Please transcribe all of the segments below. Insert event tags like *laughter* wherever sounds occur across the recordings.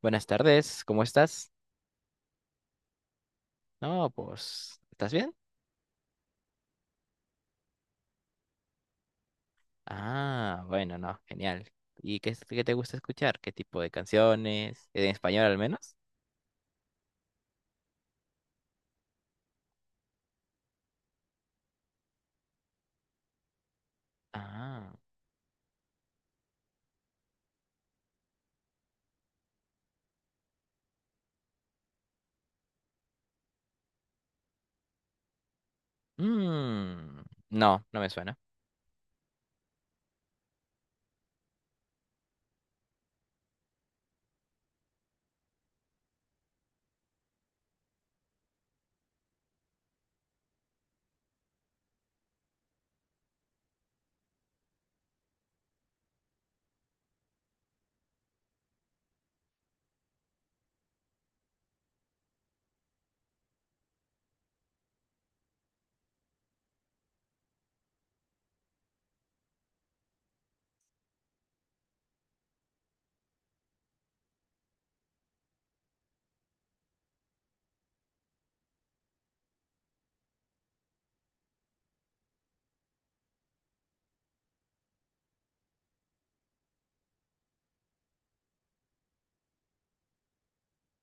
Buenas tardes, ¿cómo estás? No, pues, ¿estás bien? Ah, bueno, no, genial. ¿Y qué, qué te gusta escuchar? ¿Qué tipo de canciones? ¿En español al menos? Ah, mm, no, no me suena.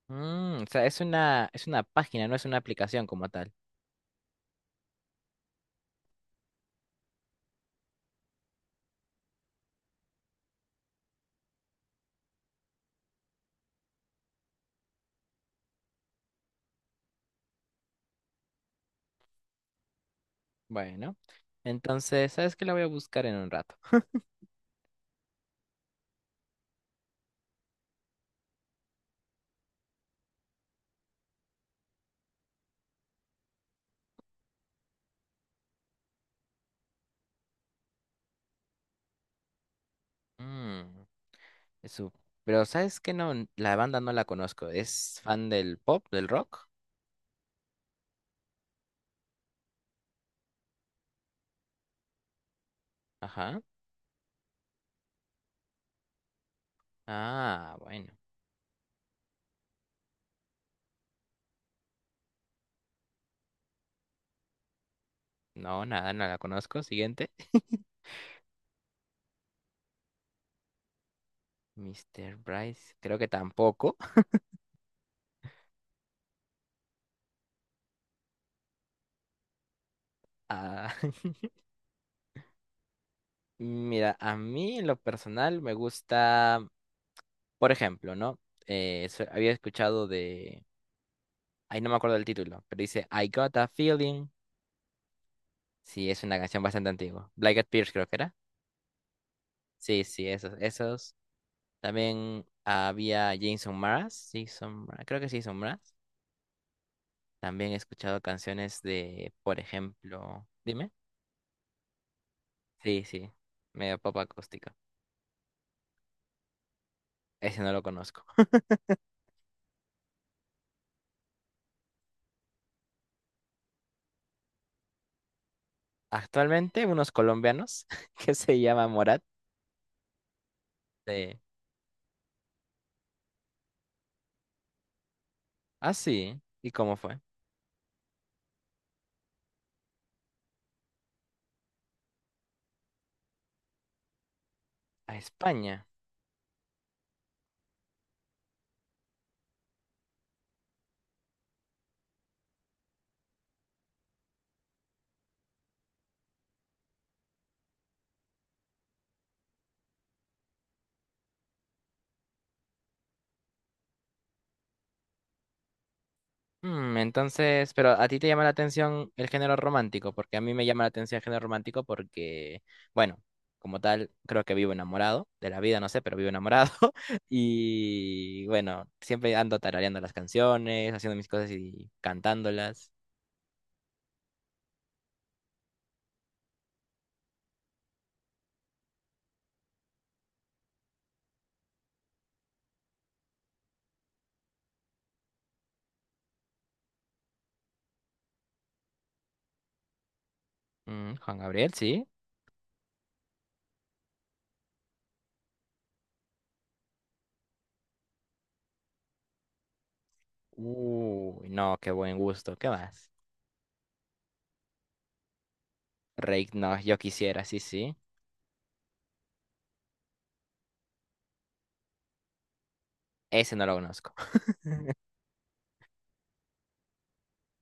Mm, o sea, es una página, no es una aplicación como tal. Bueno, entonces, ¿sabes qué? La voy a buscar en un rato. Mm, eso. Pero ¿sabes qué? No, la banda no la conozco. ¿Es fan del pop, del rock? Ajá. Ah, bueno. No, nada, no la conozco. Siguiente. *laughs* Mister Bryce, creo que tampoco. Ah, *laughs* mira, a mí en lo personal me gusta, por ejemplo, ¿no? Había escuchado de, ahí no me acuerdo del título, pero dice I Got a Feeling. Sí, es una canción bastante antigua. Black Eyed Peas creo que era. Sí, sí, esos, esos. También había Jason Mraz, sí, son, Mraz, creo que sí, son Mraz. También he escuchado canciones de, por ejemplo, dime. Sí, sí, medio pop acústico. Ese no lo conozco. Actualmente, unos colombianos *laughs* que se llama Morat. De... Ah, sí. ¿Y cómo fue? A España. Mm, entonces, pero a ti te llama la atención el género romántico, porque a mí me llama la atención el género romántico porque, bueno, como tal, creo que vivo enamorado de la vida, no sé, pero vivo enamorado. *laughs* Y bueno, siempre ando tarareando las canciones, haciendo mis cosas y cantándolas. Mm, Juan Gabriel, sí. Uy, no, qué buen gusto. ¿Qué más? Rake, no, yo quisiera, sí, sí. Ese no lo conozco. *laughs*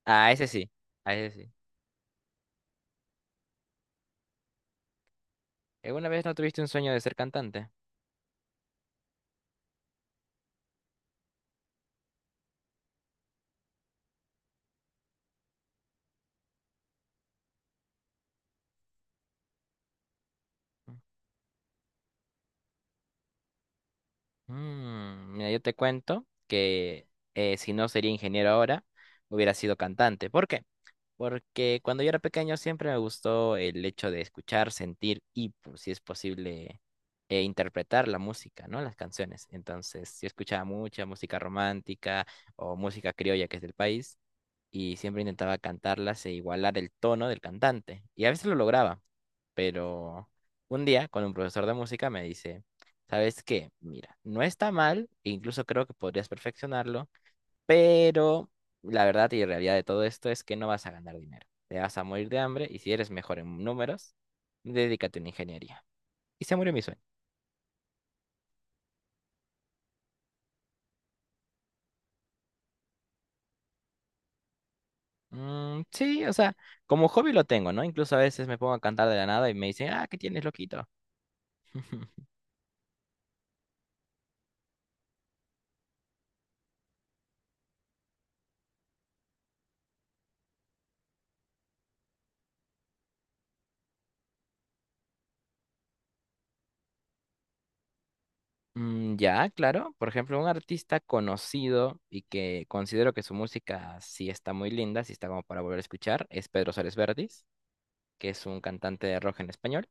Ah, ese sí, a ese sí. ¿Alguna vez no tuviste un sueño de ser cantante? Mm, mira, yo te cuento que si no sería ingeniero ahora, hubiera sido cantante. ¿Por qué? Porque cuando yo era pequeño siempre me gustó el hecho de escuchar, sentir y, pues, si es posible, interpretar la música, ¿no? Las canciones. Entonces, yo escuchaba mucha música romántica o música criolla que es del país. Y siempre intentaba cantarlas e igualar el tono del cantante. Y a veces lo lograba, pero un día con un profesor de música me dice, ¿sabes qué? Mira, no está mal, e incluso creo que podrías perfeccionarlo, pero la verdad y realidad de todo esto es que no vas a ganar dinero. Te vas a morir de hambre y si eres mejor en números, dedícate a una ingeniería. Y se murió mi sueño. Mm, sí, o sea, como hobby lo tengo, ¿no? Incluso a veces me pongo a cantar de la nada y me dicen, ah, ¿qué tienes, loquito? *laughs* Mm, ya, claro. Por ejemplo, un artista conocido y que considero que su música sí está muy linda, sí está como para volver a escuchar, es Pedro Suárez Verdis, que es un cantante de rock en español.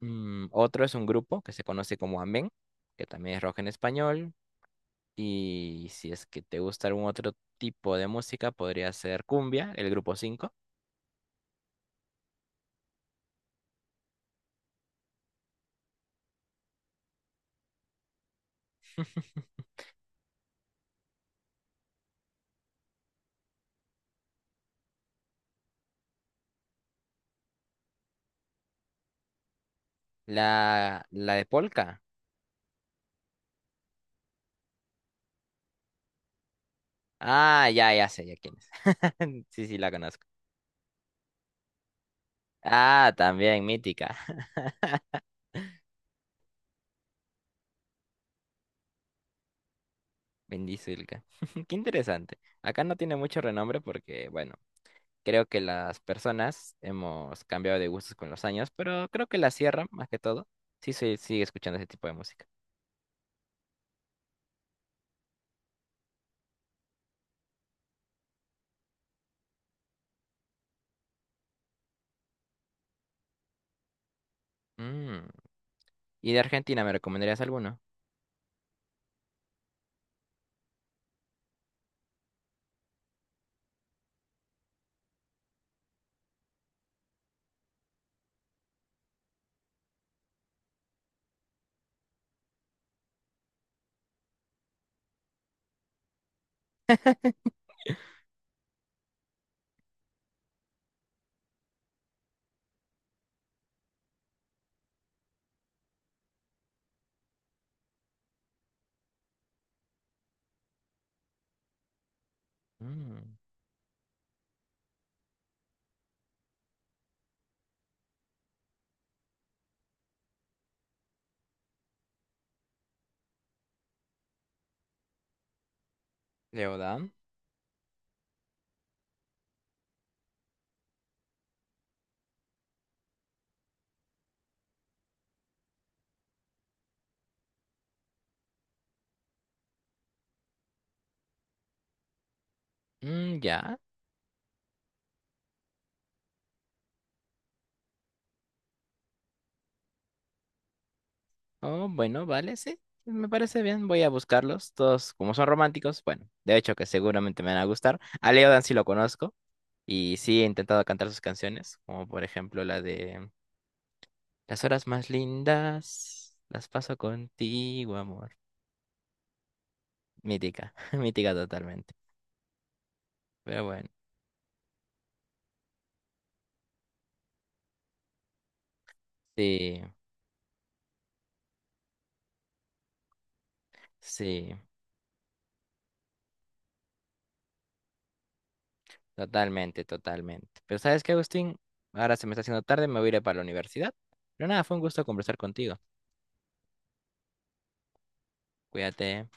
Mm, otro es un grupo que se conoce como Amén, que también es rock en español. Y si es que te gusta algún otro tipo de música, podría ser Cumbia, el grupo cinco. *laughs* La de Polka. Ah, ya, ya sé, ya quién es. *laughs* Sí, sí, la conozco. Ah, también, mítica. Bendizulca. *laughs* Qué interesante. Acá no tiene mucho renombre porque, bueno, creo que las personas hemos cambiado de gustos con los años, pero creo que la sierra, más que todo, sí se sigue escuchando ese tipo de música. Mm. ¿Y de Argentina me recomendarías alguno? Mm. Leodán. Mm, ya. Oh, bueno, vale, sí. Me parece bien. Voy a buscarlos. Todos, como son románticos, bueno, de hecho que seguramente me van a gustar. A Leodán sí lo conozco. Y sí he intentado cantar sus canciones, como por ejemplo la de Las horas más lindas las paso contigo, amor. Mítica, *laughs* mítica totalmente. Pero bueno, sí, sí, totalmente, totalmente. Pero ¿sabes qué, Agustín? Ahora se me está haciendo tarde, me voy a ir para la universidad. Pero nada, fue un gusto conversar contigo. Cuídate.